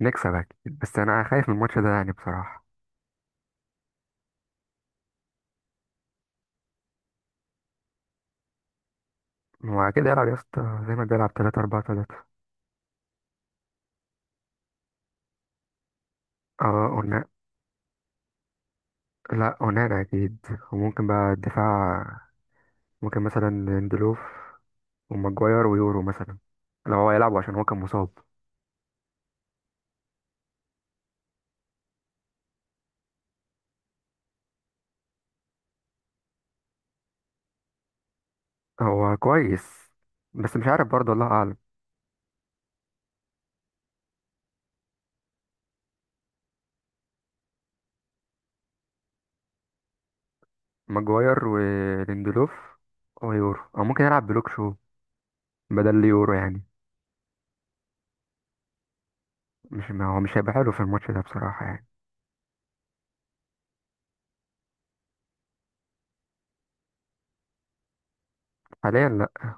نكسب أكيد بس أنا خايف من الماتش ده يعني بصراحة. هو كده يلعب يا اسطى زي ما بيلعب 3-4-3. اه قلنا. لا قلنا أكيد. وممكن بقى الدفاع، ممكن مثلا ليندلوف وماجواير ويورو مثلا لو هو يلعب عشان هو كان مصاب. هو كويس بس مش عارف برضه، الله أعلم. ماجواير وليندلوف ويورو، أو ممكن يلعب بلوك شو بدل اليورو يعني. مش، ما هو مش هيبقى حلو في الماتش ده بصراحة يعني. حاليا لا،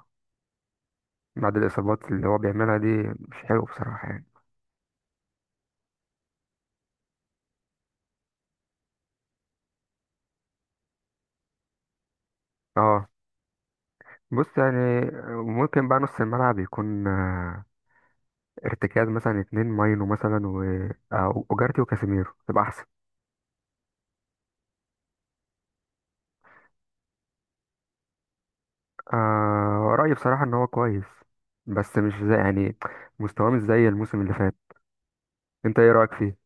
بعد الإصابات اللي هو بيعملها دي مش حلو بصراحة يعني. اه، بص يعني ممكن بقى نص الملعب يكون ارتكاز مثلا 2 ماينو مثلا و وجارتي وكاسيميرو تبقى احسن. آه، رأيي بصراحة ان هو كويس بس مش زي يعني، مستواه مش زي الموسم اللي فات. انت ايه رأيك فيه؟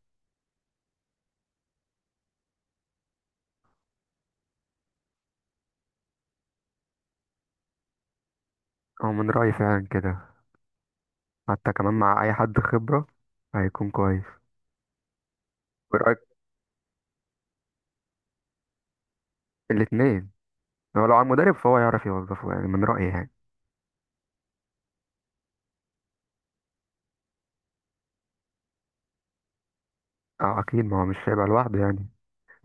هو من رأيي فعلا كده، حتى كمان مع اي حد خبرة هيكون كويس. ورأيك؟ الاتنين. هو لو على المدرب فهو يعرف يوظفه يعني، من رأيي يعني. اه اكيد، ما هو مش هيبقى لوحده يعني.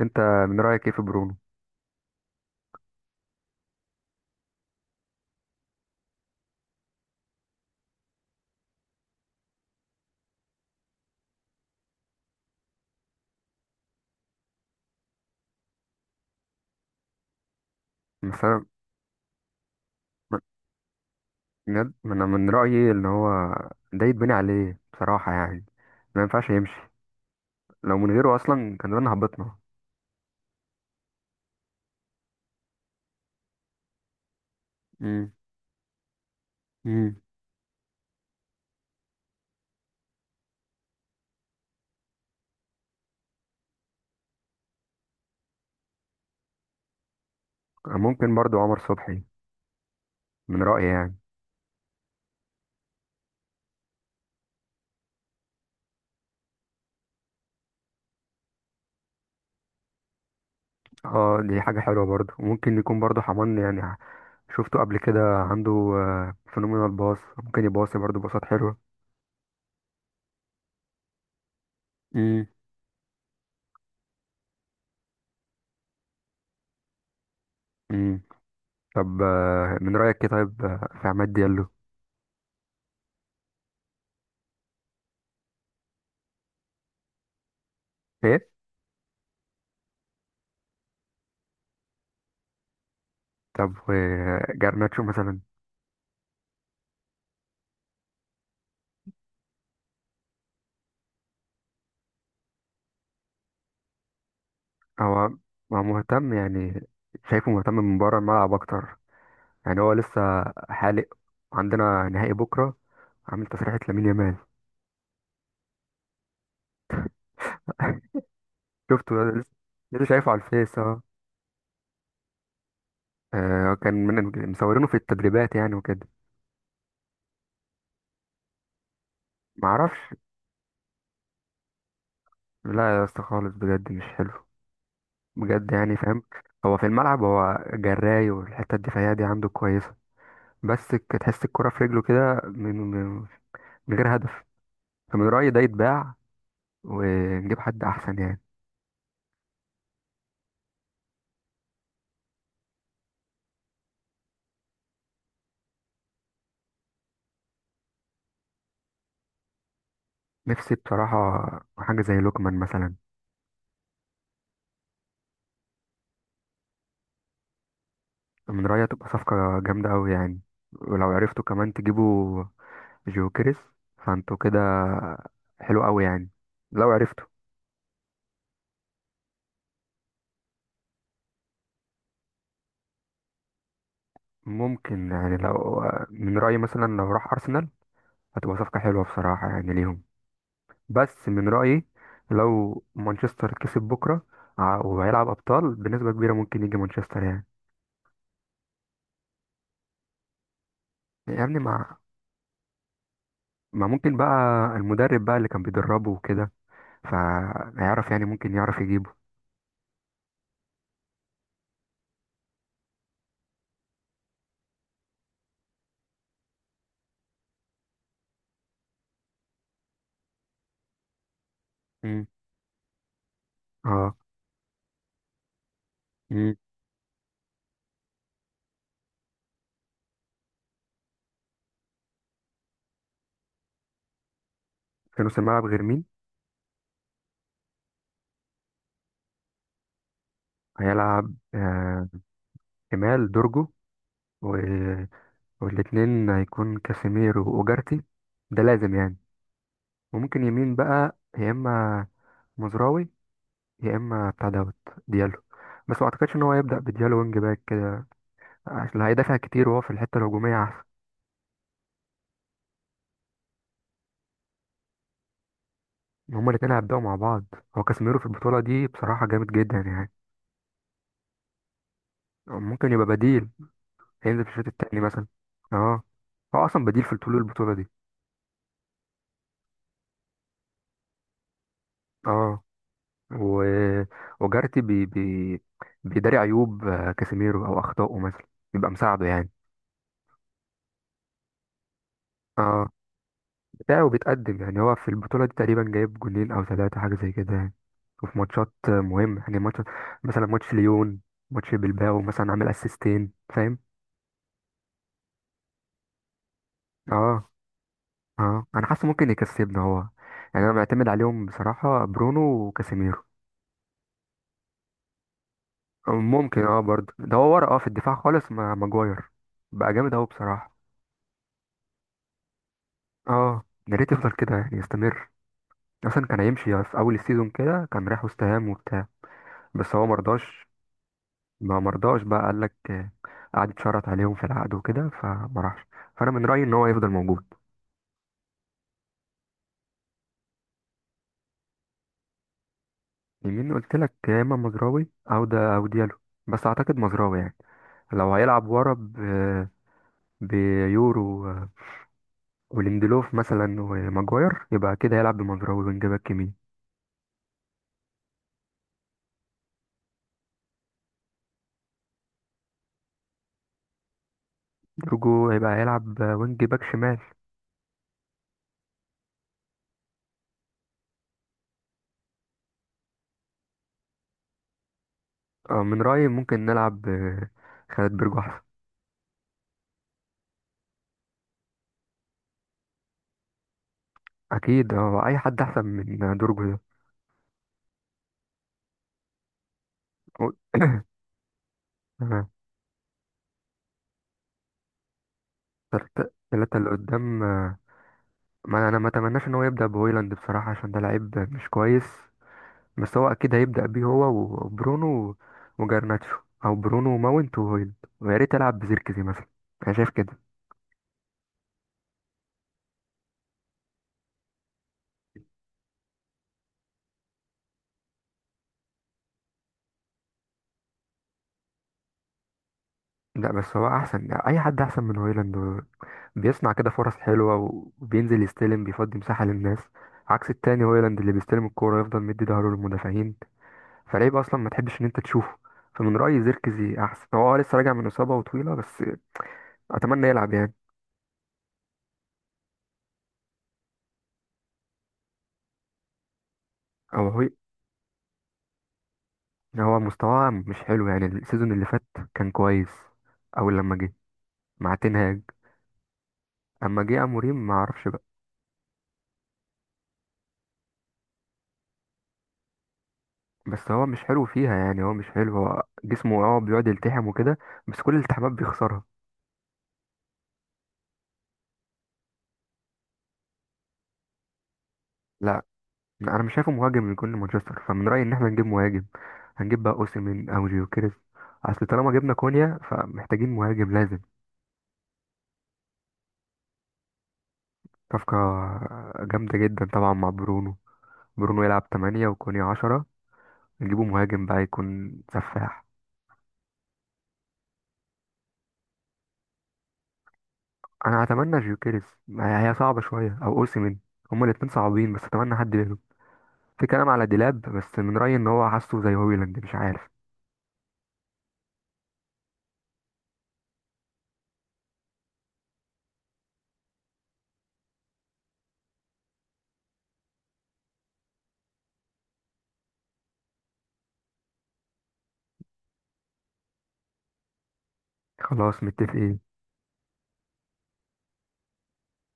انت من رأيك ايه في برونو مثلا؟ بجد انا من رايي ان هو ده يتبني عليه بصراحه يعني، ما ينفعش يمشي، لو من غيره اصلا كان زمان هبطنا. امم. امم. ممكن برضو عمر صبحي، من رايي يعني. اه، دي حاجه حلوه برضو، ممكن يكون برضو حمان يعني، شفته قبل كده، عنده فينومينال باص، ممكن يباصي برضو باصات حلوه. امم. امم. طب من رايك ايه طيب في عماد ديالو؟ ايه. طب جرناتشو مثلا؟ هو هو مهتم يعني، شايفه مهتم من بره الملعب اكتر يعني، هو لسه حالق، عندنا نهائي بكره، عامل تسريحة لامين يامال. شفته لسه شايفه على الفيس اه. آه، كان من مصورينه في التدريبات يعني وكده. معرفش، لا يا اسطى خالص بجد مش حلو، بجد يعني فاهم. هو في الملعب هو جراي والحته الدفاعيه دي عنده كويسه، بس تحس الكره في رجله كده من غير هدف، فمن رايي ده يتباع ونجيب حد احسن يعني. نفسي بصراحة حاجة زي لوكمان مثلا. من رأيي تبقى صفقة جامدة أوي يعني، ولو عرفتوا كمان تجيبوا جوكريس فانتوا كده حلو أوي يعني لو عرفتوا. ممكن يعني، لو من رأيي مثلا لو راح أرسنال هتبقى صفقة حلوة بصراحة يعني ليهم، بس من رأيي لو مانشستر كسب بكرة وهيلعب أبطال بنسبة كبيرة ممكن يجي مانشستر يعني. يعني مع ما ممكن بقى المدرب بقى اللي كان بيدربه وكده فهيعرف يعني، ممكن يعرف يجيبه. مم. اه. مم. كانوا سماعة بغير مين هيلعب؟ آه، كمال دورجو و... والاتنين هيكون كاسيميرو وأوجارتي، ده لازم يعني. وممكن يمين بقى يا إما مزراوي يا إما بتاع دوت ديالو، بس ما أعتقدش إن هو هيبدأ بديالو وينج باك كده عشان هيدافع كتير وهو في الحتة الهجومية أحسن. هما الاتنين هيبدأوا مع بعض، هو كاسيميرو في البطولة دي بصراحة جامد جدا يعني. ممكن يبقى بديل، هينزل في الشوط التاني مثلا. اه، هو أصلا بديل في طول البطولة دي. اه و- وجارتي بي بي بيداري عيوب كاسيميرو او اخطائه مثلا، بيبقى مساعده يعني. اه، بتاعه بيتقدم يعني، هو في البطوله دي تقريبا جايب جولين او 3 حاجه زي كده يعني، وفي ماتشات مهمه يعني، ماتش مثلا ماتش ليون، ماتش بلباو مثلا، عامل اسيستين فاهم. اه، اه انا حاسه ممكن يكسبنا هو يعني، انا معتمد عليهم بصراحه، برونو وكاسيميرو. ممكن اه، برضه ده هو ورا اه في الدفاع خالص مع ماجواير بقى جامد اهو بصراحه. اه، يا ريت يفضل كده يعني يستمر، اصلا كان هيمشي في اول السيزون كده، كان رايح وست هام وبتاع بس هو مرضاش. ما مرضاش بقى، قال لك قعد يتشرط عليهم في العقد وكده فما راحش، فانا من رايي ان هو يفضل موجود. يمين قلت لك يا اما مزراوي او ده او ديالو، بس اعتقد مزراوي يعني، لو هيلعب ورا بيورو وليندلوف مثلا وماجواير، يبقى كده هيلعب بمزراوي وينج باك يمين. درجو هيبقى هيلعب وينج باك شمال. من رايي ممكن نلعب خالد برجو. اكيد، هو اي حد احسن من دورجو ده. و- آه، التلاتة اللي قدام ما انا ما اتمناش ان هو يبدا بهويلاند بصراحه عشان ده لعيب مش كويس، بس هو اكيد هيبدا بيه هو وبرونو وجرناتشو، او برونو وماونت وهويلاند، ويا ريت يلعب بزيركزي مثلا، انا شايف كده. لا، بس هو احسن، اي حد احسن من هويلاند بيصنع كده فرص حلوه وبينزل يستلم بيفضي مساحه للناس، عكس التاني هويلاند اللي بيستلم الكوره يفضل مدي ظهره للمدافعين، فلعيب اصلا ما تحبش ان انت تشوفه، فمن رايي زيركزي احسن، هو آه لسه راجع من اصابه وطويله بس اتمنى يلعب يعني. او هو، يعني هو مستواه مش حلو يعني، السيزون اللي فات كان كويس اول لما جه مع تنهاج، اما جه اموريم ما اعرفش بقى. بس هو مش حلو فيها يعني، هو مش حلو، هو جسمه اه بيقعد يلتحم وكده بس كل الالتحامات بيخسرها. لا، انا مش شايفه مهاجم يكون مانشستر، فمن رايي ان احنا نجيب مهاجم، هنجيب بقى اوسيمين او جيوكيريز، اصل طالما جبنا كونيا فمحتاجين مهاجم لازم. صفقة جامدة جدا طبعا، مع برونو، برونو يلعب 8 وكوني 10، نجيبه مهاجم بقى يكون سفاح. أنا أتمنى جيوكيريز، ما هي هي صعبة شوية أو أوسيمين، هما الاتنين صعبين بس أتمنى حد منهم. في كلام على ديلاب بس من رأيي إن هو حاسه زي هويلاند، مش عارف. خلاص متفقين.